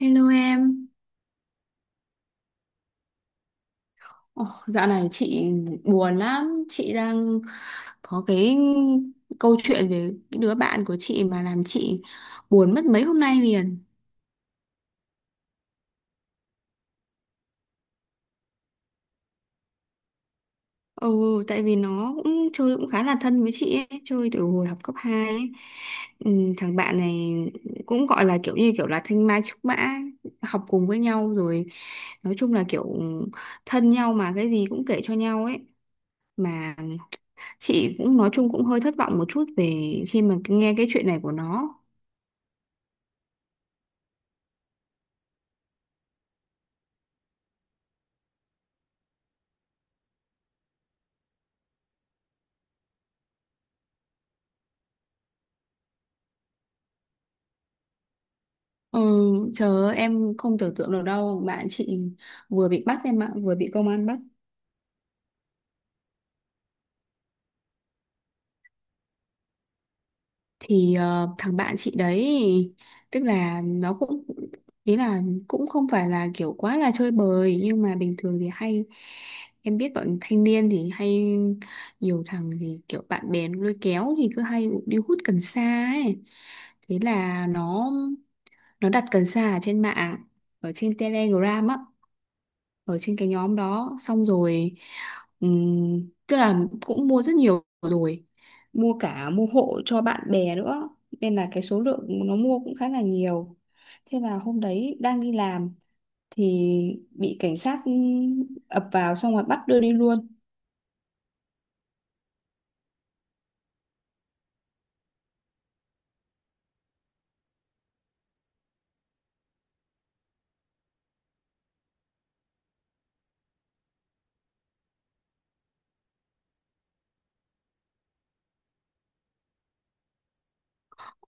Hello em. Dạo này chị buồn lắm. Chị đang có cái câu chuyện về cái đứa bạn của chị mà làm chị buồn mất mấy hôm nay liền. Ừ, Tại vì nó cũng chơi cũng khá là thân với chị ấy, chơi từ hồi học cấp hai ấy. Ừ, Thằng bạn này cũng gọi là kiểu như kiểu là thanh mai trúc mã, học cùng với nhau rồi nói chung là kiểu thân nhau mà cái gì cũng kể cho nhau ấy. Mà chị cũng nói chung cũng hơi thất vọng một chút về khi mà nghe cái chuyện này của nó. ừ, Chờ em không tưởng tượng được đâu, bạn chị vừa bị bắt em ạ, vừa bị công an bắt. Thằng bạn chị đấy, tức là nó cũng, ý là cũng không phải là kiểu quá là chơi bời, nhưng mà bình thường thì hay, em biết bọn thanh niên thì hay, nhiều thằng thì kiểu bạn bè nó lôi kéo thì cứ hay đi hút cần sa ấy. Thế là nó đặt cần sa ở trên mạng, ở trên Telegram á, ở trên cái nhóm đó, xong rồi tức là cũng mua rất nhiều rồi, mua cả, mua hộ cho bạn bè nữa, nên là cái số lượng nó mua cũng khá là nhiều. Thế là hôm đấy đang đi làm thì bị cảnh sát, ập vào xong rồi bắt đưa đi luôn.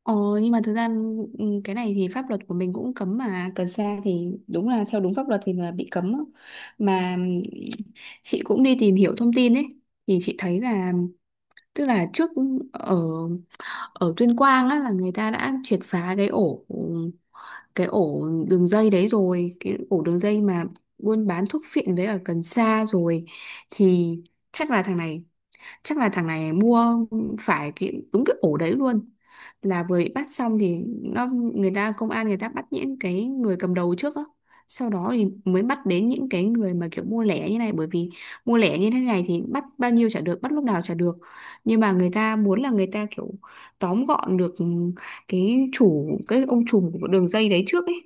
Ờ, nhưng mà thực ra cái này thì pháp luật của mình cũng cấm mà, cần sa thì đúng là theo đúng pháp luật thì là bị cấm á. Mà chị cũng đi tìm hiểu thông tin ấy, thì chị thấy là, tức là trước ở ở Tuyên Quang á, là người ta đã triệt phá cái ổ, cái ổ đường dây đấy rồi, cái ổ đường dây mà buôn bán thuốc phiện với ở cần sa rồi. Thì chắc là thằng này chắc là thằng này mua phải cái, đúng cái ổ đấy luôn, là vừa bị bắt xong thì nó, người ta công an người ta bắt những cái người cầm đầu trước á, sau đó thì mới bắt đến những cái người mà kiểu mua lẻ như này, bởi vì mua lẻ như thế này thì bắt bao nhiêu chả được, bắt lúc nào chả được, nhưng mà người ta muốn là người ta kiểu tóm gọn được cái chủ, cái ông trùm của đường dây đấy trước ấy.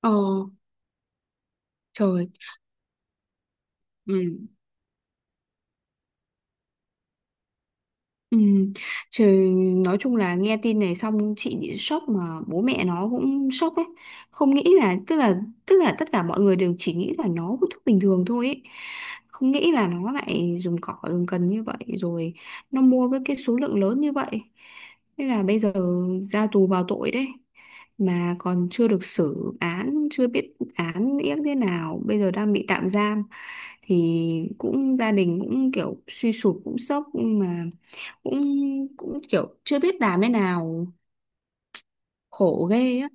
ờ Trời. Ừ. Ừ. Trời, nói chung là nghe tin này xong chị bị sốc, mà bố mẹ nó cũng sốc ấy, không nghĩ là, tức là tất cả mọi người đều chỉ nghĩ là nó hút thuốc bình thường thôi ấy. Không nghĩ là nó lại dùng cỏ, dùng cần như vậy, rồi nó mua với cái số lượng lớn như vậy. Thế là bây giờ ra tù vào tội đấy, mà còn chưa được xử án, chưa biết án yếc thế nào, bây giờ đang bị tạm giam. Thì cũng gia đình cũng kiểu suy sụp, cũng sốc, mà cũng cũng kiểu chưa biết làm thế nào. Khổ ghê á.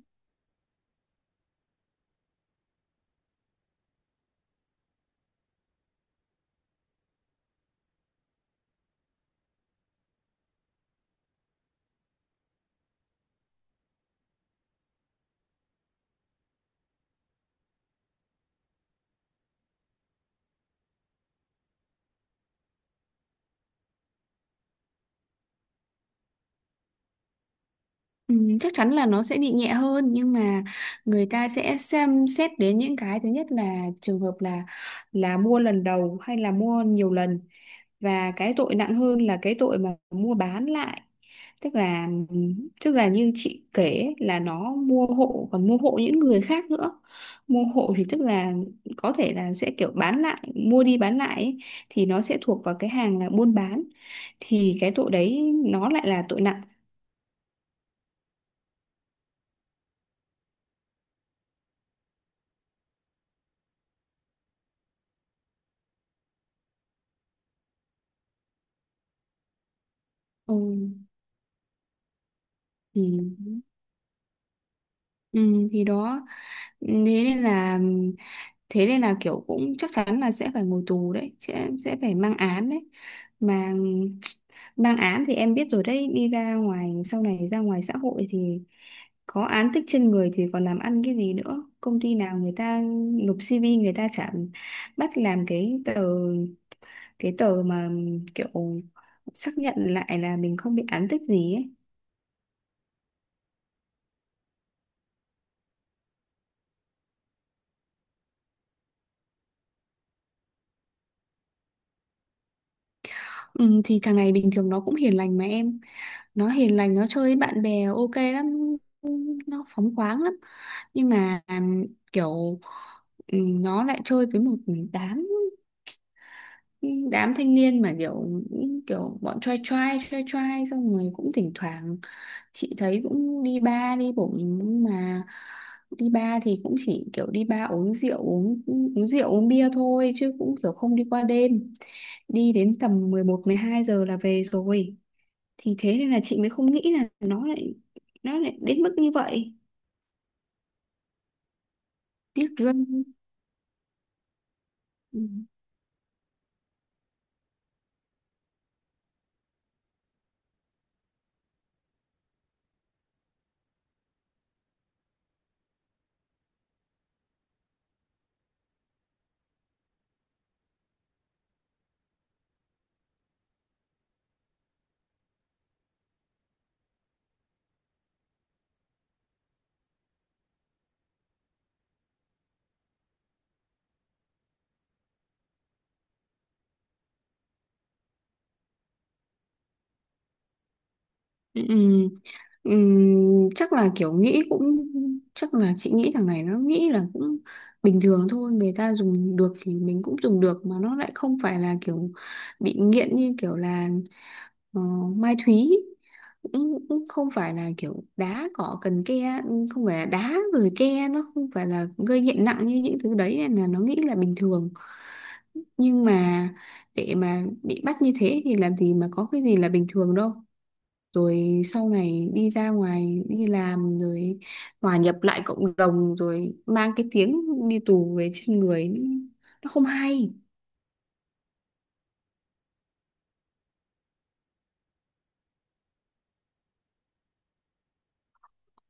ừ, Chắc chắn là nó sẽ bị nhẹ hơn, nhưng mà người ta sẽ xem xét đến những cái, thứ nhất là trường hợp là mua lần đầu hay là mua nhiều lần, và cái tội nặng hơn là cái tội mà mua bán lại. Tức là tức là như chị kể ấy, là nó mua hộ, còn mua hộ những người khác nữa. Mua hộ thì tức là có thể là sẽ kiểu bán lại, mua đi bán lại ấy, thì nó sẽ thuộc vào cái hàng là buôn bán, thì cái tội đấy nó lại là tội nặng. Ừ, thì ừ, thì đó, thế nên là, thế nên là kiểu cũng chắc chắn là sẽ phải ngồi tù đấy, sẽ phải mang án đấy mà. Mang án thì em biết rồi đấy, đi ra ngoài, sau này ra ngoài xã hội thì có án tích trên người thì còn làm ăn cái gì nữa. Công ty nào người ta nộp CV người ta chả bắt làm cái tờ, cái tờ mà kiểu xác nhận lại là mình không bị án tích gì ấy. Ừ, thì thằng này bình thường nó cũng hiền lành mà em, nó hiền lành, nó chơi với bạn bè ok lắm, nó phóng khoáng lắm. Nhưng mà kiểu nó lại chơi với một đám, đám thanh niên mà kiểu, kiểu bọn trai trai trai trai, xong rồi cũng thỉnh thoảng chị thấy cũng đi bar đi bụng, nhưng mà đi bar thì cũng chỉ kiểu đi bar uống rượu, uống uống rượu uống bia thôi chứ cũng kiểu không đi qua đêm, đi đến tầm mười một mười hai giờ là về rồi. Thì thế nên là chị mới không nghĩ là nó lại đến mức như vậy. Tiếc ghê. Ừ. Ừ, ừ, chắc là kiểu nghĩ cũng, chắc là chị nghĩ thằng này nó nghĩ là cũng bình thường thôi, người ta dùng được thì mình cũng dùng được, mà nó lại không phải là kiểu bị nghiện như kiểu là ờ, Mai Thúy, cũng, cũng không phải là kiểu đá cỏ cần ke, không phải là đá rồi ke, nó không phải là gây nghiện nặng như những thứ đấy, nên là nó nghĩ là bình thường. Nhưng mà để mà bị bắt như thế thì làm gì mà có cái gì là bình thường đâu. Rồi sau này đi ra ngoài đi làm rồi hòa nhập lại cộng đồng rồi mang cái tiếng đi tù về trên người, nó không hay.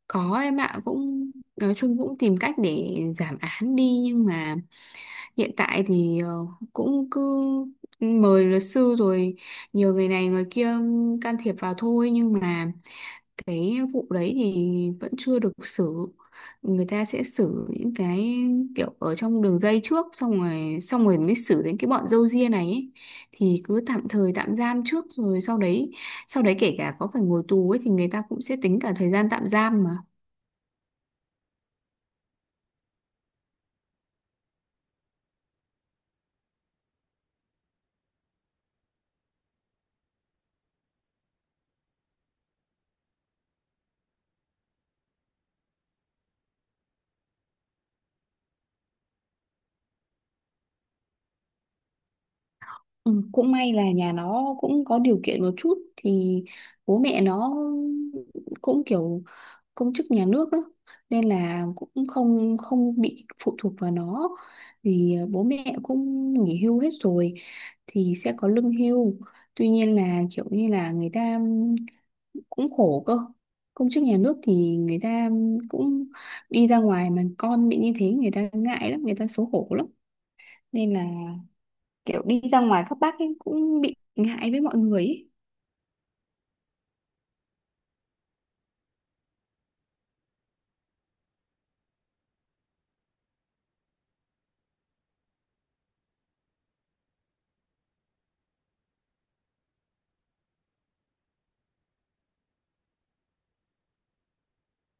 Có em ạ, cũng nói chung cũng tìm cách để giảm án đi. Nhưng mà hiện tại thì cũng cứ mời luật sư rồi, nhiều người này người kia can thiệp vào thôi. Nhưng mà cái vụ đấy thì vẫn chưa được xử, người ta sẽ xử những cái kiểu ở trong đường dây trước, xong rồi mới xử đến cái bọn râu ria này ấy. Thì cứ tạm thời tạm giam trước, rồi sau đấy kể cả có phải ngồi tù ấy thì người ta cũng sẽ tính cả thời gian tạm giam mà. Ừ, Cũng may là nhà nó cũng có điều kiện một chút, thì bố mẹ nó cũng kiểu công chức nhà nước á, nên là cũng không không bị phụ thuộc vào nó. Vì bố mẹ cũng nghỉ hưu hết rồi thì sẽ có lương hưu. Tuy nhiên là kiểu như là người ta cũng khổ cơ, công chức nhà nước thì người ta cũng đi ra ngoài mà con bị như thế, người ta ngại lắm, người ta xấu hổ lắm, nên là kiểu đi ra ngoài các bác ấy cũng bị ngại với mọi người ấy.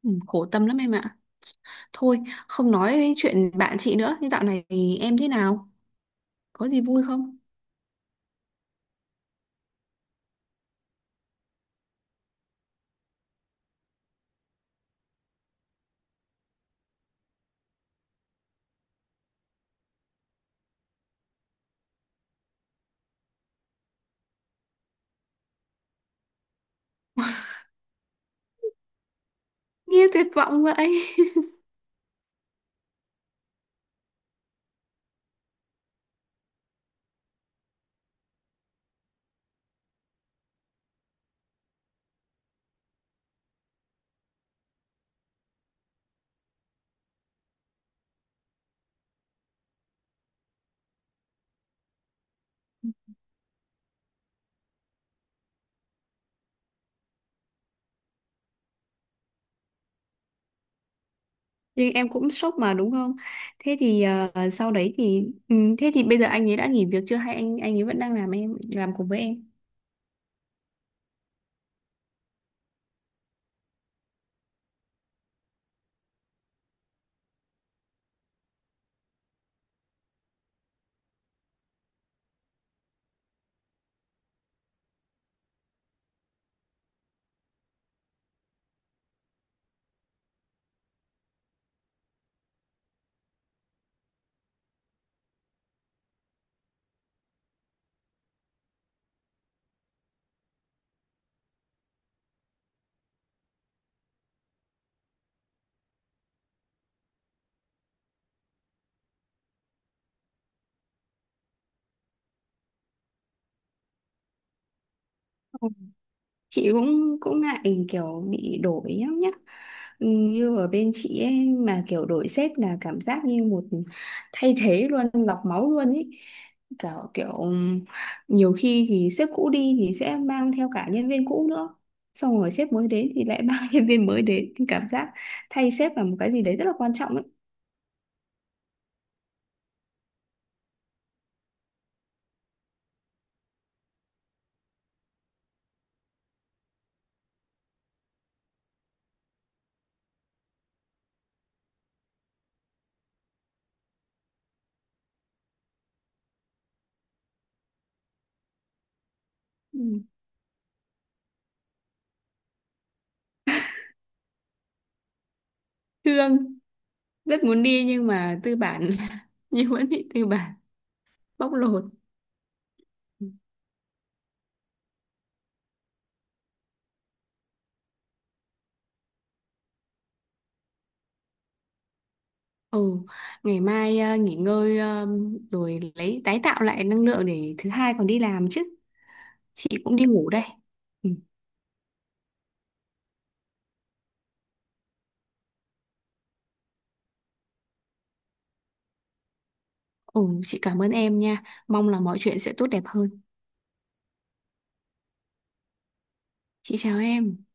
Ừ, khổ tâm lắm em ạ. Thôi, không nói đến chuyện bạn chị nữa. Nhưng dạo này thì em thế nào? Có gì vui không? Nghe tuyệt vọng vậy. Nhưng em cũng sốc mà đúng không? Thế thì sau đấy thì... Ừ, thế thì bây giờ anh ấy đã nghỉ việc chưa? Hay anh ấy vẫn đang làm, em làm cùng với em? Chị cũng cũng ngại kiểu bị đổi nhá nhá. Ừ, như ở bên chị ấy, mà kiểu đổi sếp là cảm giác như một thay thế luôn, lọc máu luôn ấy, cả kiểu nhiều khi thì sếp cũ đi thì sẽ mang theo cả nhân viên cũ nữa, xong rồi sếp mới đến thì lại mang nhân viên mới đến, cảm giác thay sếp là một cái gì đấy rất là quan trọng ấy. Ừ. Thương, rất muốn đi nhưng mà tư bản như vẫn bị tư bản bóc lột. Ừ, ngày mai nghỉ ngơi, rồi lấy tái tạo lại năng lượng để thứ hai còn đi làm chứ. Chị cũng đi ngủ đây. Ừ, ừ, chị cảm ơn em nha. Mong là mọi chuyện sẽ tốt đẹp hơn. Chị chào em.